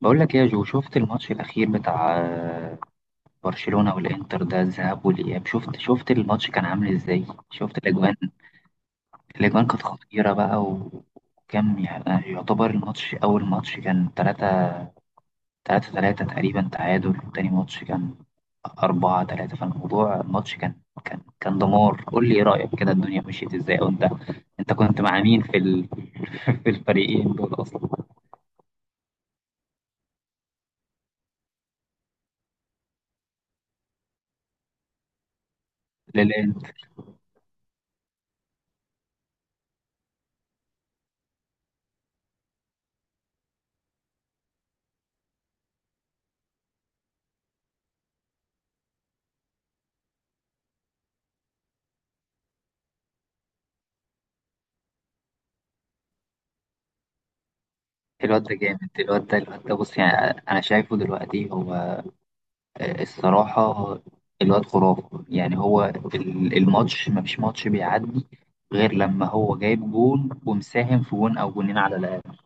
بقول لك إيه يا جو؟ شفت الماتش الأخير بتاع برشلونة والإنتر ده، الذهاب والإياب؟ شفت الماتش كان عامل إزاي؟ شفت الأجوان؟ الأجوان كانت خطيرة بقى، وكم يعني يعتبر. الماتش أول ماتش كان تلاتة تلاتة تقريبا تعادل، وتاني ماتش كان 4-3، فالموضوع الماتش كان دمار. قول لي إيه رأيك كده، الدنيا مشيت إزاي؟ وأنت أنت أنت كنت مع مين في في الفريقين دول أصلا؟ للإنتر. الواد ده جامد. الواد ده بص يعني، انا شايفه دلوقتي هو الصراحه الواد خرافه. يعني هو الماتش، ما فيش ماتش بيعدي غير لما هو جايب جون ومساهم في جون او جونين على الاقل.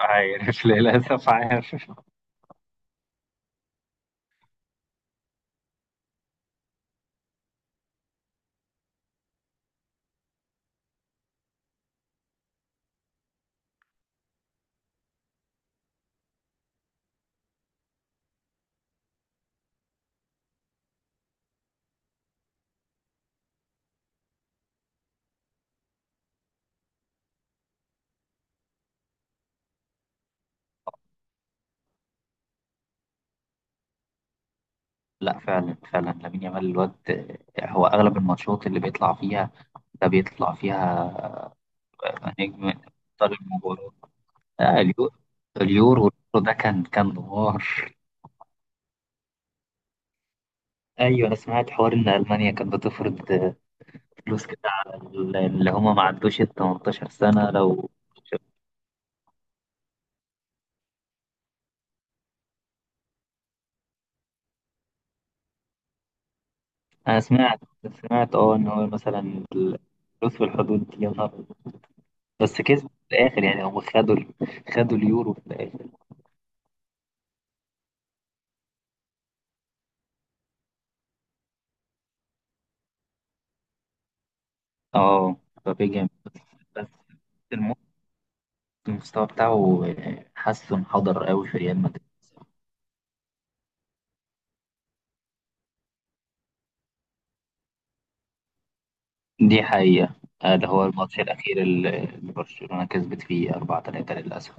عارف، للأسف عارف. لا، فعلا فعلا لامين يامال الواد هو اغلب الماتشات اللي بيطلع فيها ده بيطلع فيها نجم، طالب المباراه. آه، اليورو اليورو ده كان دمار. ايوه، انا سمعت حوار ان المانيا كانت بتفرض فلوس كده على اللي هم ما عدوش ال 18 سنه. لو انا سمعت ان هو مثلا الفلوس في الحدود دي، يا نهار أبيض. بس كسبوا في الاخر، يعني هم خدوا خدوا اليورو في الاخر. اه، مبابي جامد بس الم- المستوى بتاعه حاسه انحدر قوي في ريال مدريد. دي حقيقه. ده هو الماتش الاخير اللي برشلونه كسبت فيه 4-3 للاسف.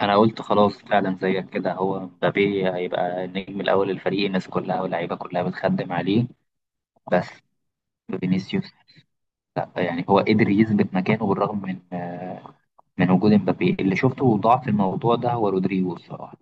انا قلت خلاص، فعلا زيك كده، هو مبابي هيبقى النجم الاول للفريق، الناس كلها واللعيبه كلها بتخدم عليه. بس فينيسيوس، لا يعني هو قدر يثبت مكانه بالرغم من من وجود مبابي. اللي شفته ضعف الموضوع ده هو رودريجو الصراحه.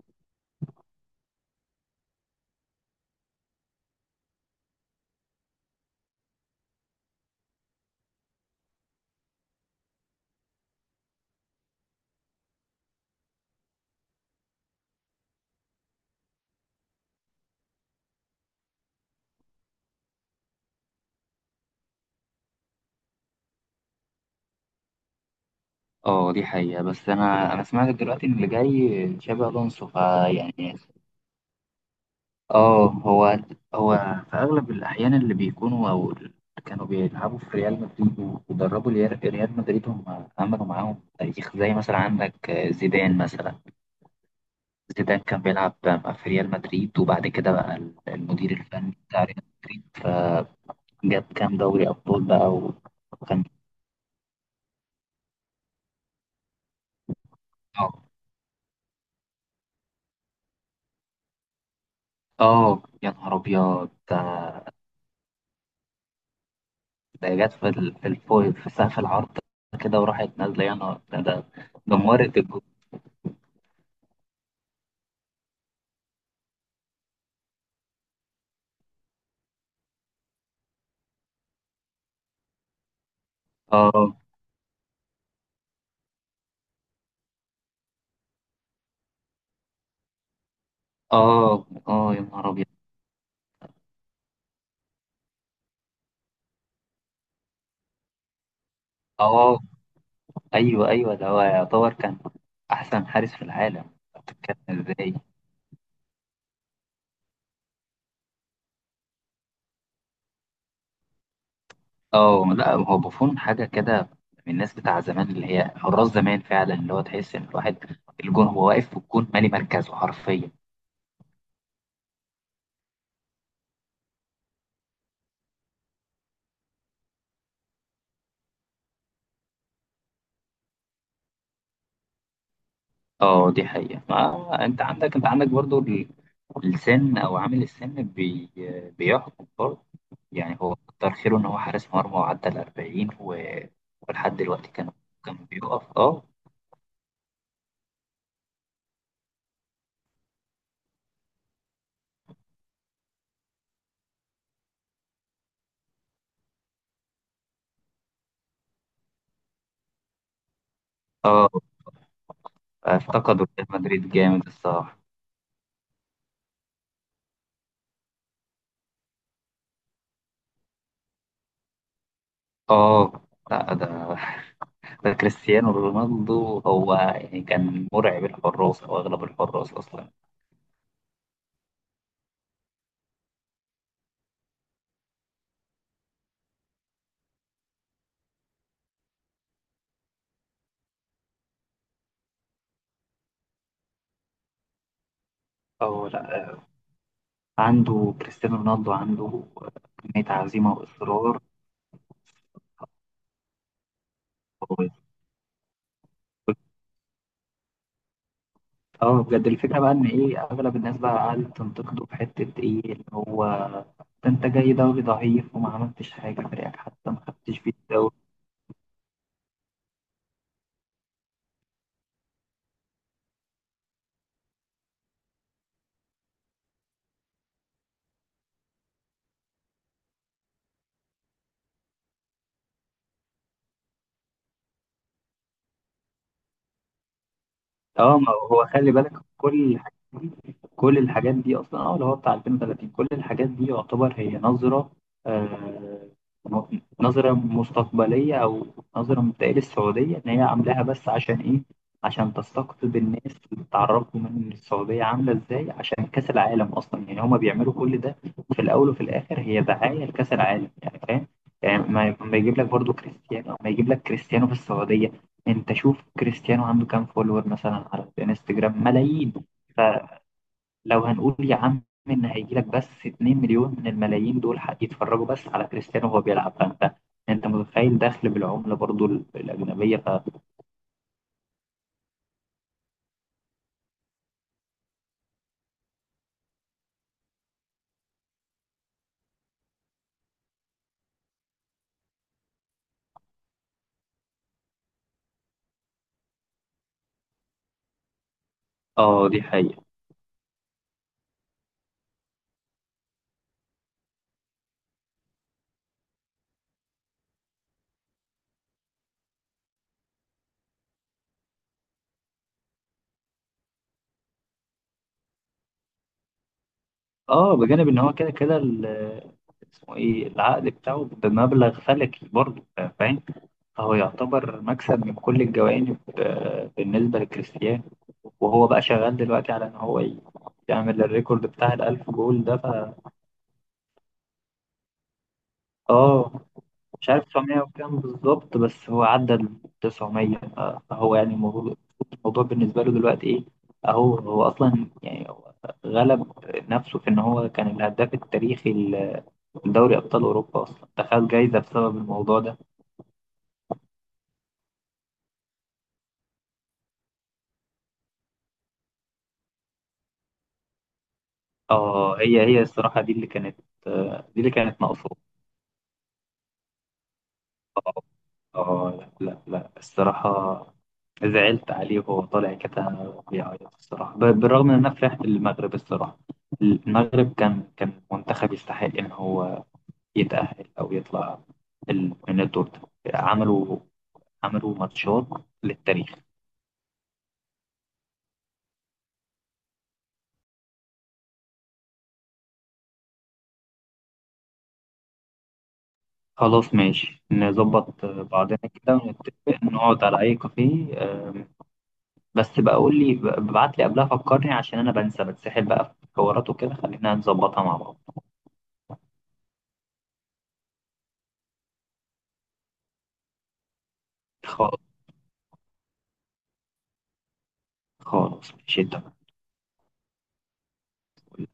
اه دي حقيقه، بس انا سمعت دلوقتي ان اللي جاي تشابي الونسو فيعني. اه هو هو في اغلب الاحيان اللي بيكونوا او اللي كانوا بيلعبوا في ريال مدريد ودربوا ريال مدريد، هم عملوا معاهم تاريخ. زي مثلا عندك زيدان، مثلا زيدان كان بيلعب في ريال مدريد وبعد كده بقى المدير الفني بتاع ريال مدريد، فجاب كام دوري ابطال بقى. وكان اه يا نهار ابيض ده جت في الفوق، في سقف العرض كده وراحت نازله، يا نهار ده دمرت الجو. اه، اه، يا نهار ابيض. اه، ايوه ايوه، ده هو يعتبر كان احسن حارس في العالم. بتتكلم ازاي؟ اه لا، هو بوفون حاجه كده، من الناس بتاع زمان اللي هي حراس زمان فعلا، اللي هو تحس ان الواحد الجون هو واقف في الجون مالي مركزه حرفيا. اه دي حقيقه، ما انت عندك برضو السن، او عامل السن بيحكم برضو. يعني هو كتر خيره ان هو حارس مرمى وعدى ال 40، ولحد دلوقتي كان بيقف. اه، اه افتقدوا ريال مدريد جامد الصراحة. اه لا، ده كريستيانو رونالدو هو يعني كان مرعب الحراس او اغلب الحراس اصلا. اه لا، عنده كريستيانو رونالدو، عنده كمية عزيمة واصرار قوية. اه بجد، الفكرة بقى ان ايه، اغلب الناس بقى قعدت تنتقده في حتة ايه، اللي هو ده انت جاي دوري ضعيف وما عملتش حاجة، فريقك حتى ما خدتش بيه الدوري. اه ما هو خلي بالك، كل الحاجات دي كل الحاجات دي اصلا اللي هو بتاع 2030، كل الحاجات دي يعتبر هي نظره آه م- نظره مستقبليه، او نظره مبدئيه للسعوديه، ان هي عاملاها بس عشان ايه؟ عشان تستقطب الناس وتعرفهم ان السعوديه عامله ازاي عشان كاس العالم اصلا. يعني هما بيعملوا كل ده، في الاول وفي الاخر هي دعايه لكاس العالم، يعني فاهم؟ يعني ما يجيب لك برضو كريستيانو، ما يجيب لك كريستيانو في السعوديه. انت شوف كريستيانو عنده كام فولور مثلا على الانستجرام، ملايين. فلو هنقول يا عم ان هيجي لك بس 2 مليون من الملايين دول يتفرجوا بس على كريستيانو وهو بيلعب، فانت متخيل دخل بالعملة برضو الأجنبية؟ ف. اه دي حقيقة. اه بجانب ان هو كده كده اسمه ايه، العقد بتاعه بمبلغ فلكي برضو، فاهم؟ فهو يعتبر مكسب من كل الجوانب، بالنسبة لكريستيانو. وهو بقى شغال دلوقتي على ان هو يعمل الريكورد بتاع الألف جول ده. ف، اه مش عارف 900 وكام بالظبط، بس هو عدى ال 900. فهو يعني الموضوع بالنسبة له دلوقتي ايه؟ اهو هو اصلا، يعني هو غلب نفسه في ان هو كان الهداف التاريخي لدوري ابطال اوروبا اصلا، دخل جايزة بسبب الموضوع ده. اه، هي الصراحة دي اللي كانت دي اللي كانت ناقصه. اه لا لا لا، الصراحة زعلت عليه وهو طالع كده بيعيط، الصراحة بالرغم إن أنا فرحت للمغرب الصراحة. المغرب كان منتخب يستحق إن هو يتأهل أو يطلع من الدور ده. عملوا ماتشات للتاريخ. خلاص ماشي، نظبط بعضنا كده ونتفق نقعد على أي كافيه. بس بقى قول لي، ابعت لي قبلها فكرني عشان أنا بنسى، بتسحل بقى في حوارات وكده، خلينا نظبطها مع بعض. خالص، مش انت مسؤول